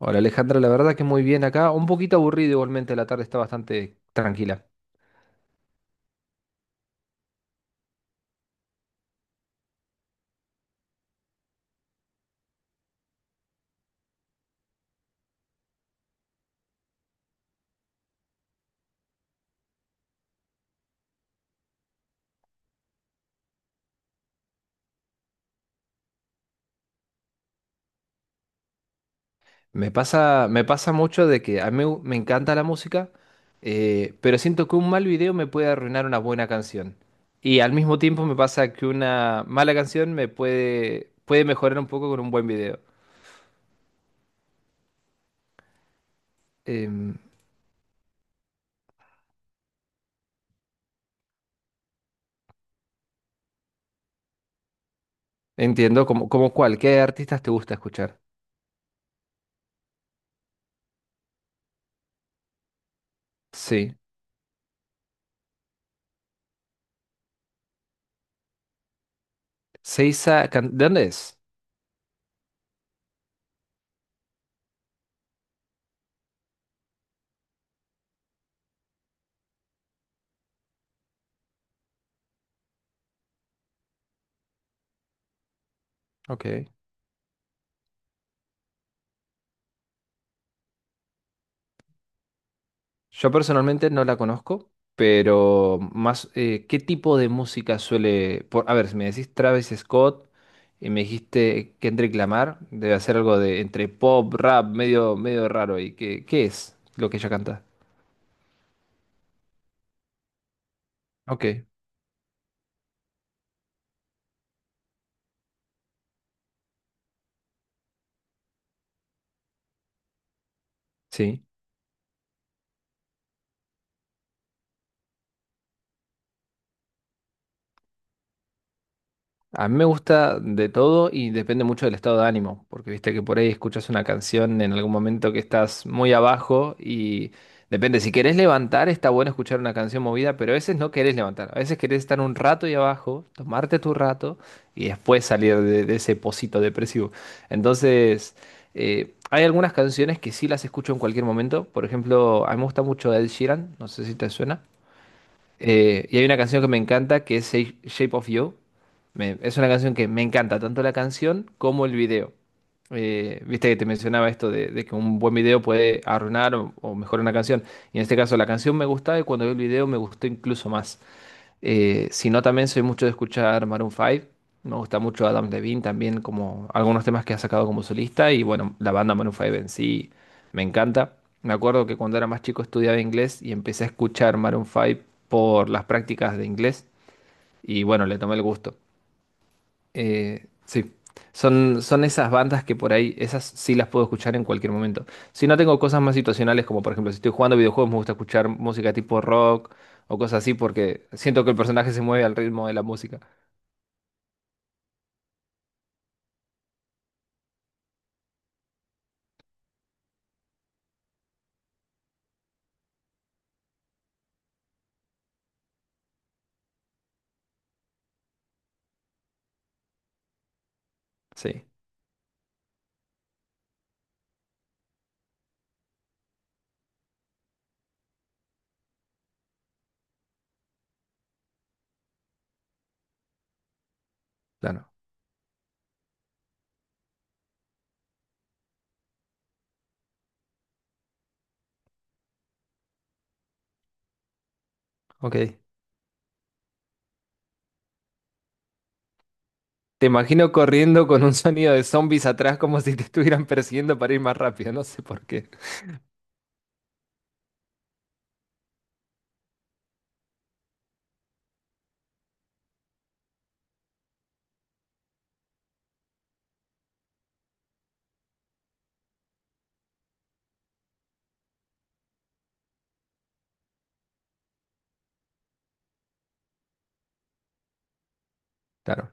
Hola Alejandra, la verdad que muy bien acá, un poquito aburrido igualmente, la tarde está bastante tranquila. Me pasa mucho de que a mí me encanta la música, pero siento que un mal video me puede arruinar una buena canción. Y al mismo tiempo me pasa que una mala canción me puede mejorar un poco con un buen video. Em, Entiendo, ¿como cuál? ¿Qué artistas te gusta escuchar? Sí. Seiza, ¿de dónde es? Ok. Yo personalmente no la conozco, pero más, ¿qué tipo de música suele? A ver, si me decís Travis Scott y me dijiste Kendrick Lamar, debe hacer algo de entre pop, rap, medio raro. ¿Y qué es lo que ella canta? Ok, sí. A mí me gusta de todo y depende mucho del estado de ánimo, porque viste que por ahí escuchas una canción en algún momento que estás muy abajo y depende, si querés levantar está bueno escuchar una canción movida, pero a veces no querés levantar, a veces querés estar un rato ahí abajo, tomarte tu rato y después salir de ese pocito depresivo. Entonces, hay algunas canciones que sí las escucho en cualquier momento, por ejemplo, a mí me gusta mucho Ed Sheeran, no sé si te suena. Y hay una canción que me encanta que es Shape of You. Es una canción que me encanta, tanto la canción como el video. Viste que te mencionaba esto de que un buen video puede arruinar o mejorar una canción. Y en este caso la canción me gustaba y cuando vi el video me gustó incluso más. Si no, también soy mucho de escuchar Maroon 5. Me gusta mucho Adam Levine también, como algunos temas que ha sacado como solista. Y bueno, la banda Maroon 5 en sí me encanta. Me acuerdo que cuando era más chico estudiaba inglés y empecé a escuchar Maroon 5 por las prácticas de inglés. Y bueno, le tomé el gusto. Sí, son esas bandas que por ahí, esas sí las puedo escuchar en cualquier momento. Si no, tengo cosas más situacionales, como por ejemplo, si estoy jugando videojuegos, me gusta escuchar música tipo rock o cosas así, porque siento que el personaje se mueve al ritmo de la música. Sí, claro. Ok. Te imagino corriendo con un sonido de zombies atrás como si te estuvieran persiguiendo para ir más rápido, no sé por qué. Claro.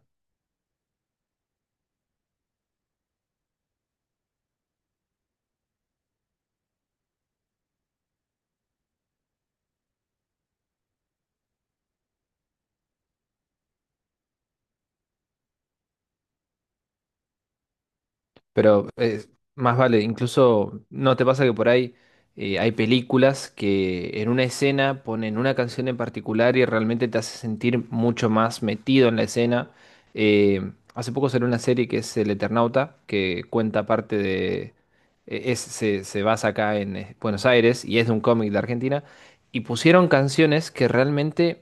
Pero más vale, incluso no te pasa que por ahí hay películas que en una escena ponen una canción en particular y realmente te hace sentir mucho más metido en la escena. Hace poco salió una serie que es El Eternauta, que cuenta parte de se basa acá en Buenos Aires y es de un cómic de Argentina. Y pusieron canciones que realmente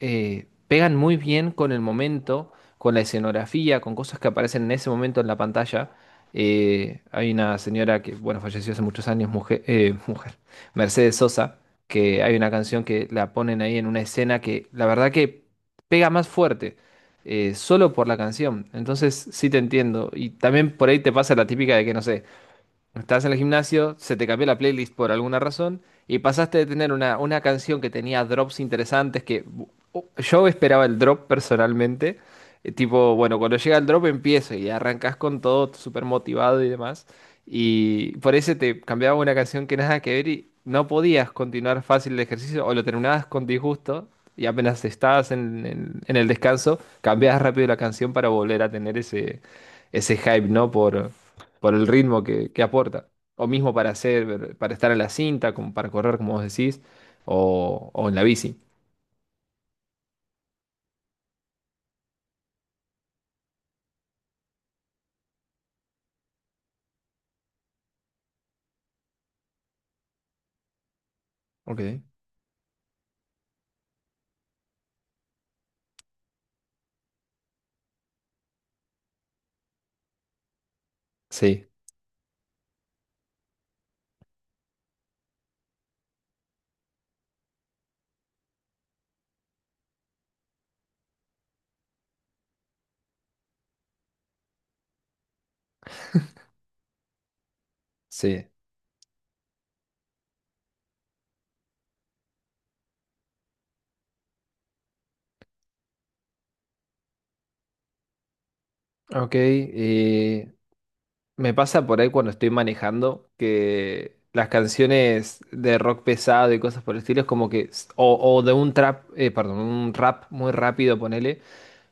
pegan muy bien con el momento, con la escenografía, con cosas que aparecen en ese momento en la pantalla. Hay una señora que, bueno, falleció hace muchos años, mujer, mujer, Mercedes Sosa, que hay una canción que la ponen ahí en una escena que la verdad que pega más fuerte, solo por la canción. Entonces sí te entiendo. Y también por ahí te pasa la típica de que, no sé, estás en el gimnasio, se te cambió la playlist por alguna razón y pasaste de tener una canción que tenía drops interesantes que yo esperaba el drop personalmente. Tipo, bueno, cuando llega el drop empiezo y arrancas con todo súper motivado y demás. Y por eso te cambiaba una canción que nada que ver y no podías continuar fácil el ejercicio o lo terminabas con disgusto y apenas en el descanso, cambiabas rápido la canción para volver a tener ese, ese hype, ¿no? Por el ritmo que aporta. O mismo para hacer, para estar en la cinta, como para correr, como vos decís, o en la bici. Ok. Sí, sí. Ok, me pasa por ahí cuando estoy manejando que las canciones de rock pesado y cosas por el estilo es como que, o de un trap, perdón, un rap muy rápido, ponele,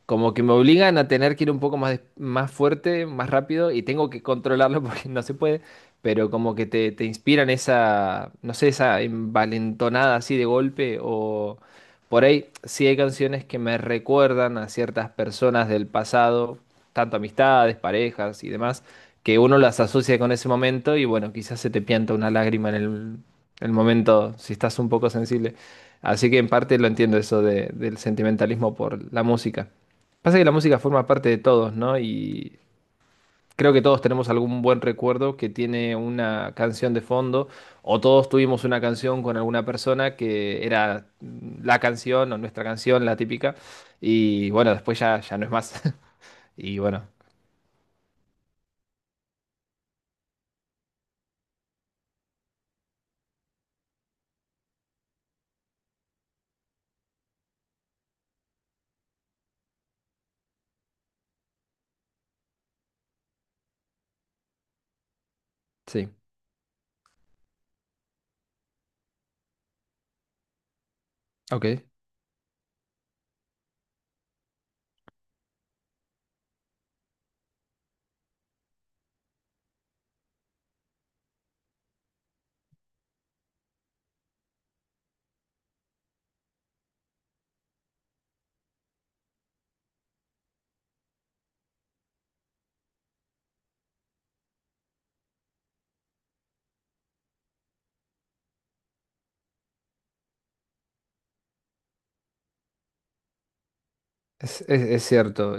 como que me obligan a tener que ir un poco más, más fuerte, más rápido y tengo que controlarlo porque no se puede, pero como que te inspiran esa, no sé, esa envalentonada así de golpe o por ahí sí hay canciones que me recuerdan a ciertas personas del pasado, tanto amistades, parejas y demás, que uno las asocia con ese momento y bueno, quizás se te pianta una lágrima en el momento si estás un poco sensible. Así que en parte lo entiendo eso del sentimentalismo por la música. Pasa que la música forma parte de todos, ¿no? Y creo que todos tenemos algún buen recuerdo que tiene una canción de fondo, o todos tuvimos una canción con alguna persona que era mm, la canción o nuestra canción, la típica, y bueno, después ya no es más. Y bueno, sí, ok, es cierto.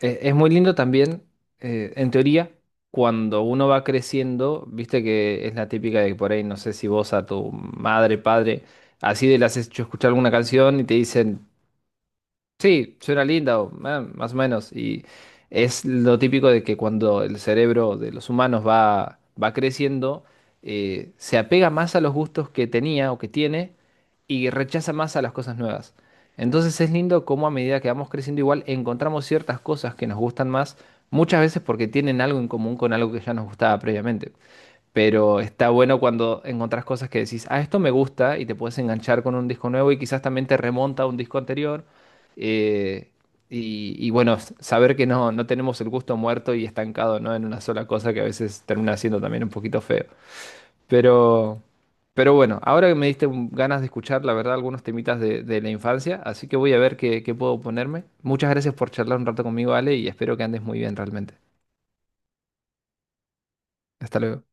Es muy lindo también, en teoría, cuando uno va creciendo, viste que es la típica de que por ahí, no sé si vos a tu madre, padre, así de le has hecho escuchar alguna canción y te dicen, sí, suena linda, o, más o menos. Y es lo típico de que cuando el cerebro de los humanos va creciendo, se apega más a los gustos que tenía o que tiene y rechaza más a las cosas nuevas. Entonces es lindo cómo a medida que vamos creciendo igual encontramos ciertas cosas que nos gustan más, muchas veces porque tienen algo en común con algo que ya nos gustaba previamente. Pero está bueno cuando encontrás cosas que decís, ah, esto me gusta y te puedes enganchar con un disco nuevo y quizás también te remonta a un disco anterior. Eh, y bueno, saber que no, no tenemos el gusto muerto y estancado, ¿no? En una sola cosa que a veces termina siendo también un poquito feo. Pero, pero bueno, ahora que me diste ganas de escuchar, la verdad, algunos temitas de la infancia, así que voy a ver qué puedo ponerme. Muchas gracias por charlar un rato conmigo, Ale, y espero que andes muy bien realmente. Hasta luego.